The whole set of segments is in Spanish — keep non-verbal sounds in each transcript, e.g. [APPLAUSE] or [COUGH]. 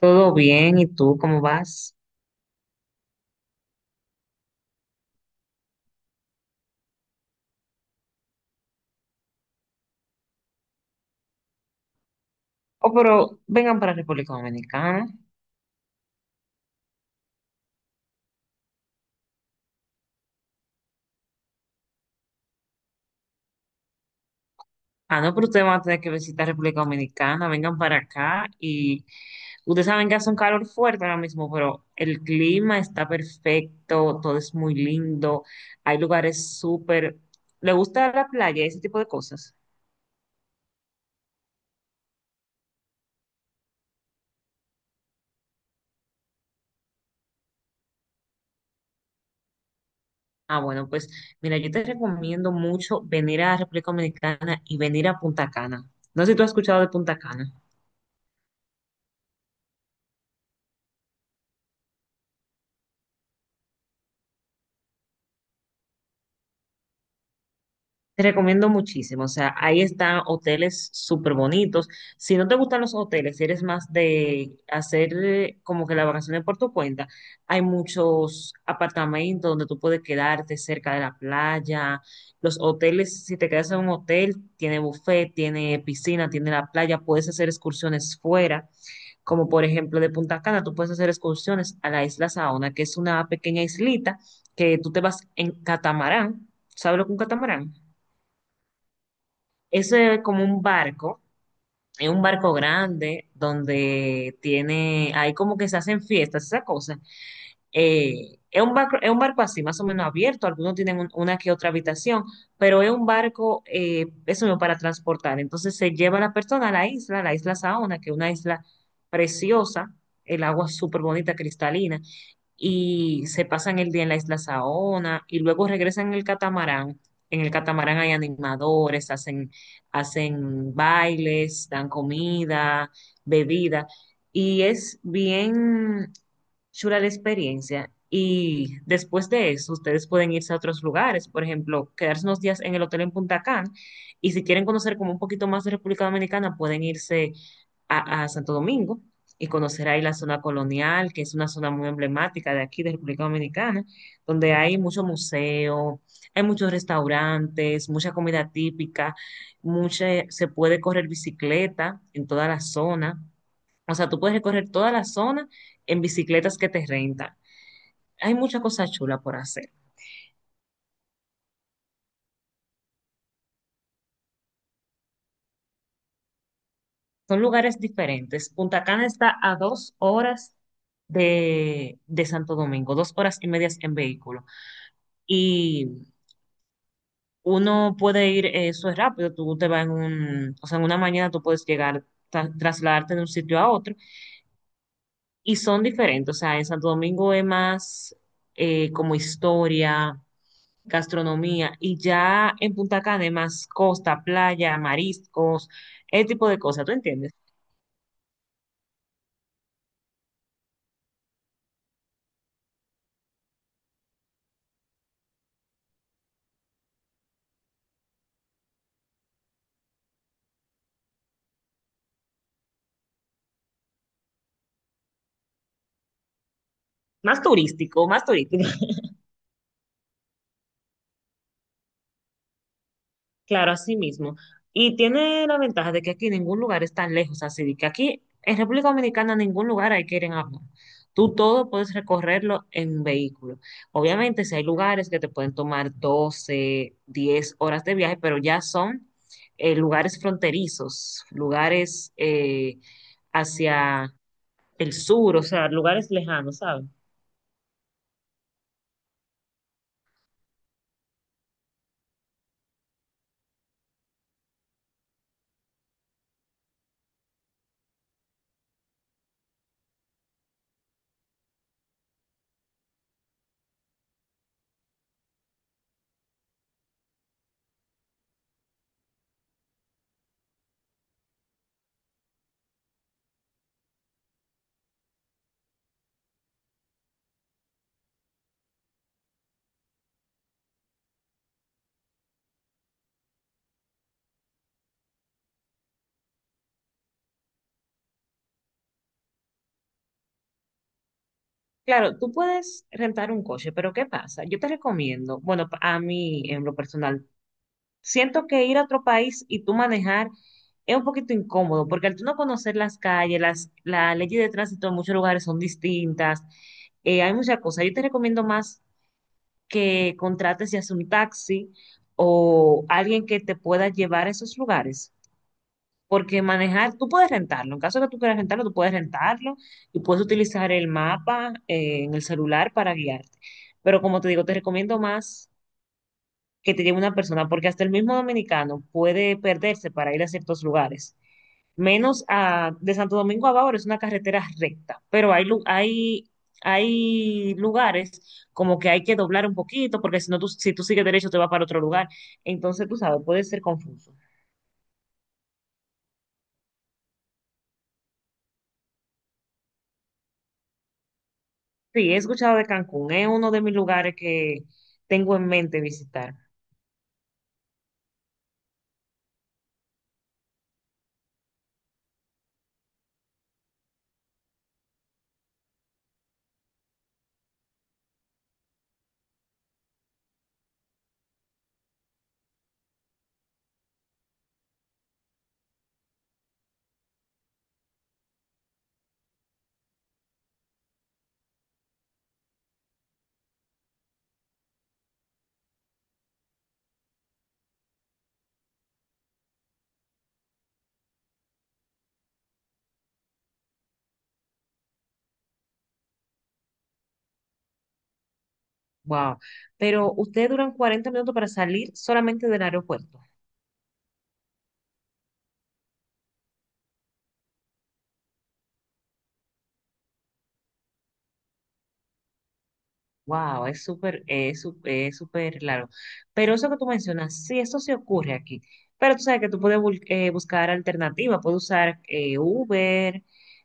Todo bien, ¿y tú cómo vas? Oh, pero vengan para República Dominicana. Ah, no, pero ustedes van a tener que visitar República Dominicana, vengan para acá y ustedes saben que hace un calor fuerte ahora mismo, pero el clima está perfecto, todo es muy lindo, hay lugares súper... ¿Le gusta la playa, ese tipo de cosas? Ah, bueno, pues mira, yo te recomiendo mucho venir a República Dominicana y venir a Punta Cana. No sé si tú has escuchado de Punta Cana. Te recomiendo muchísimo, o sea, ahí están hoteles súper bonitos. Si no te gustan los hoteles, si eres más de hacer como que la vacación por tu cuenta, hay muchos apartamentos donde tú puedes quedarte cerca de la playa. Los hoteles, si te quedas en un hotel, tiene buffet, tiene piscina, tiene la playa, puedes hacer excursiones fuera, como por ejemplo de Punta Cana, tú puedes hacer excursiones a la isla Saona, que es una pequeña islita que tú te vas en catamarán. ¿Sabes lo que es un catamarán? Eso es como un barco, es un barco grande donde tiene, ahí como que se hacen fiestas, esa cosa. Es un barco así, más o menos abierto. Algunos tienen una que otra habitación, pero es un barco, eso mismo, para transportar. Entonces se lleva a la persona a la isla Saona, que es una isla preciosa, el agua es súper bonita, cristalina, y se pasan el día en la isla Saona y luego regresan en el catamarán. En el catamarán hay animadores, hacen bailes, dan comida, bebida, y es bien chula la experiencia. Y después de eso, ustedes pueden irse a otros lugares, por ejemplo, quedarse unos días en el hotel en Punta Cana. Y si quieren conocer como un poquito más de República Dominicana, pueden irse a Santo Domingo y conocer ahí la zona colonial, que es una zona muy emblemática de aquí, de República Dominicana, donde hay mucho museo, hay muchos restaurantes, mucha comida típica, mucha, se puede correr bicicleta en toda la zona. O sea, tú puedes recorrer toda la zona en bicicletas que te rentan. Hay muchas cosas chulas por hacer. Son lugares diferentes. Punta Cana está a 2 horas de Santo Domingo, dos horas y medias en vehículo. Y uno puede ir, eso es rápido, tú te vas en o sea, en una mañana tú puedes llegar, trasladarte de un sitio a otro. Y son diferentes. O sea, en Santo Domingo es más como historia, gastronomía y ya en Punta Cana hay más costa, playa, mariscos, ese tipo de cosas, ¿tú entiendes? Más turístico, [LAUGHS] claro, así mismo. Y tiene la ventaja de que aquí ningún lugar es tan lejos, así de que aquí en República Dominicana ningún lugar hay que ir en avión. Tú todo puedes recorrerlo en vehículo. Obviamente, si hay lugares que te pueden tomar 12 10 horas de viaje, pero ya son lugares fronterizos, lugares hacia el sur, o sea, lugares lejanos, ¿sabes? Claro, tú puedes rentar un coche, pero ¿qué pasa? Yo te recomiendo, bueno, a mí en lo personal, siento que ir a otro país y tú manejar es un poquito incómodo, porque al tú no conocer las calles, la ley de tránsito en muchos lugares son distintas, hay muchas cosas. Yo te recomiendo más que contrates ya sea un taxi o alguien que te pueda llevar a esos lugares. Porque manejar, tú puedes rentarlo, en caso de que tú quieras rentarlo, tú puedes rentarlo y puedes utilizar el mapa en el celular para guiarte. Pero como te digo, te recomiendo más que te lleve una persona, porque hasta el mismo dominicano puede perderse para ir a ciertos lugares. Menos a, de Santo Domingo a Bávaro es una carretera recta, pero hay lugares como que hay que doblar un poquito, porque si no, tú, si tú sigues derecho te va para otro lugar. Entonces, tú sabes, puede ser confuso. Sí, he escuchado de Cancún, es uno de mis lugares que tengo en mente visitar. Wow. Pero ustedes duran 40 minutos para salir solamente del aeropuerto. Wow, es súper, es súper largo. Pero eso que tú mencionas, sí, eso sí ocurre aquí. Pero tú sabes que tú puedes buscar alternativas, puedes usar Uber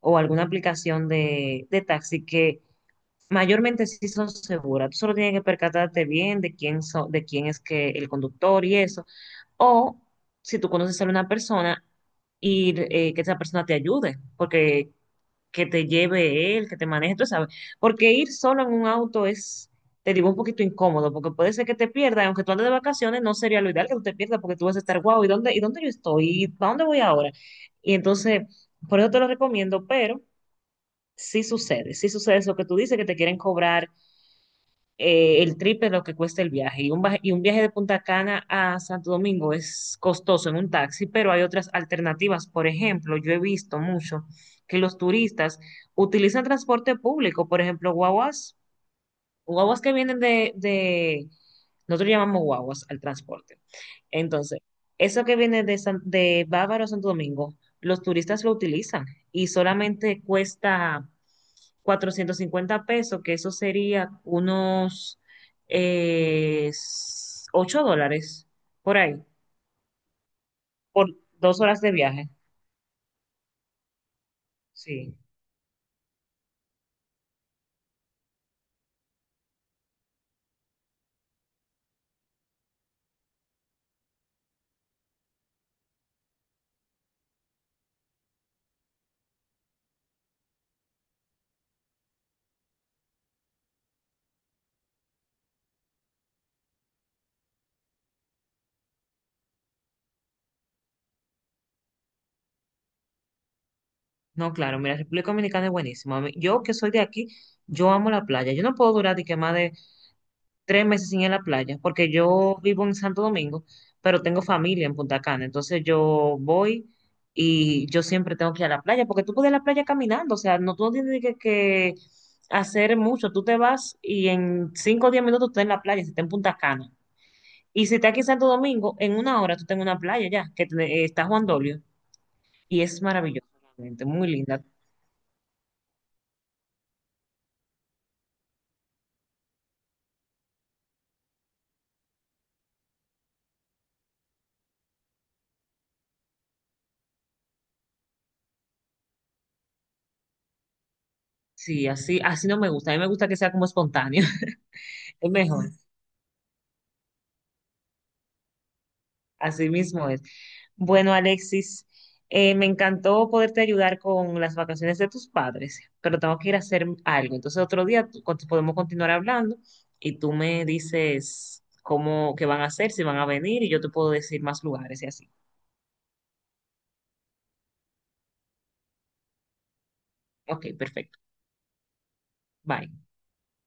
o alguna aplicación de taxi que mayormente sí son seguras. Tú solo tienes que percatarte bien de quién de quién es que el conductor y eso. O si tú conoces a una persona ir que esa persona te ayude, porque que te lleve él, que te maneje, tú sabes. Porque ir solo en un auto es, te digo, un poquito incómodo, porque puede ser que te pierdas, aunque tú andes de vacaciones, no sería lo ideal que tú te pierdas, porque tú vas a estar, guau, ¿y dónde, yo estoy? ¿Y para dónde voy ahora? Y entonces, por eso te lo recomiendo, pero sí sucede eso que tú dices, que te quieren cobrar el triple de lo que cuesta el viaje. Y un viaje de Punta Cana a Santo Domingo es costoso en un taxi, pero hay otras alternativas. Por ejemplo, yo he visto mucho que los turistas utilizan transporte público, por ejemplo, guaguas. Guaguas que vienen de- Nosotros llamamos guaguas al transporte. Entonces, eso que viene de Bávaro a Santo Domingo, los turistas lo utilizan y solamente cuesta 450 pesos, que eso sería unos eh, $8 por ahí, por 2 horas de viaje. Sí, no, claro, mira, República Dominicana es buenísima. Yo que soy de aquí, yo amo la playa. Yo no puedo durar de que más de 3 meses sin ir a la playa, porque yo vivo en Santo Domingo, pero tengo familia en Punta Cana, entonces yo voy y yo siempre tengo que ir a la playa, porque tú puedes ir a la playa caminando, o sea, no tú no tienes que hacer mucho, tú te vas y en 5 o 10 minutos tú estás en la playa, si estás en Punta Cana. Y si estás aquí en Santo Domingo, en una hora tú estás en una playa ya, que te- está Juan Dolio, y es maravilloso, realmente, muy linda. Sí, así, así no me gusta, a mí me gusta que sea como espontáneo, [LAUGHS] es mejor. Así mismo es. Bueno, Alexis, me encantó poderte ayudar con las vacaciones de tus padres, pero tengo que ir a hacer algo. Entonces, otro día podemos continuar hablando y tú me dices cómo, qué van a hacer, si van a venir y yo te puedo decir más lugares y así. Ok, perfecto. Bye.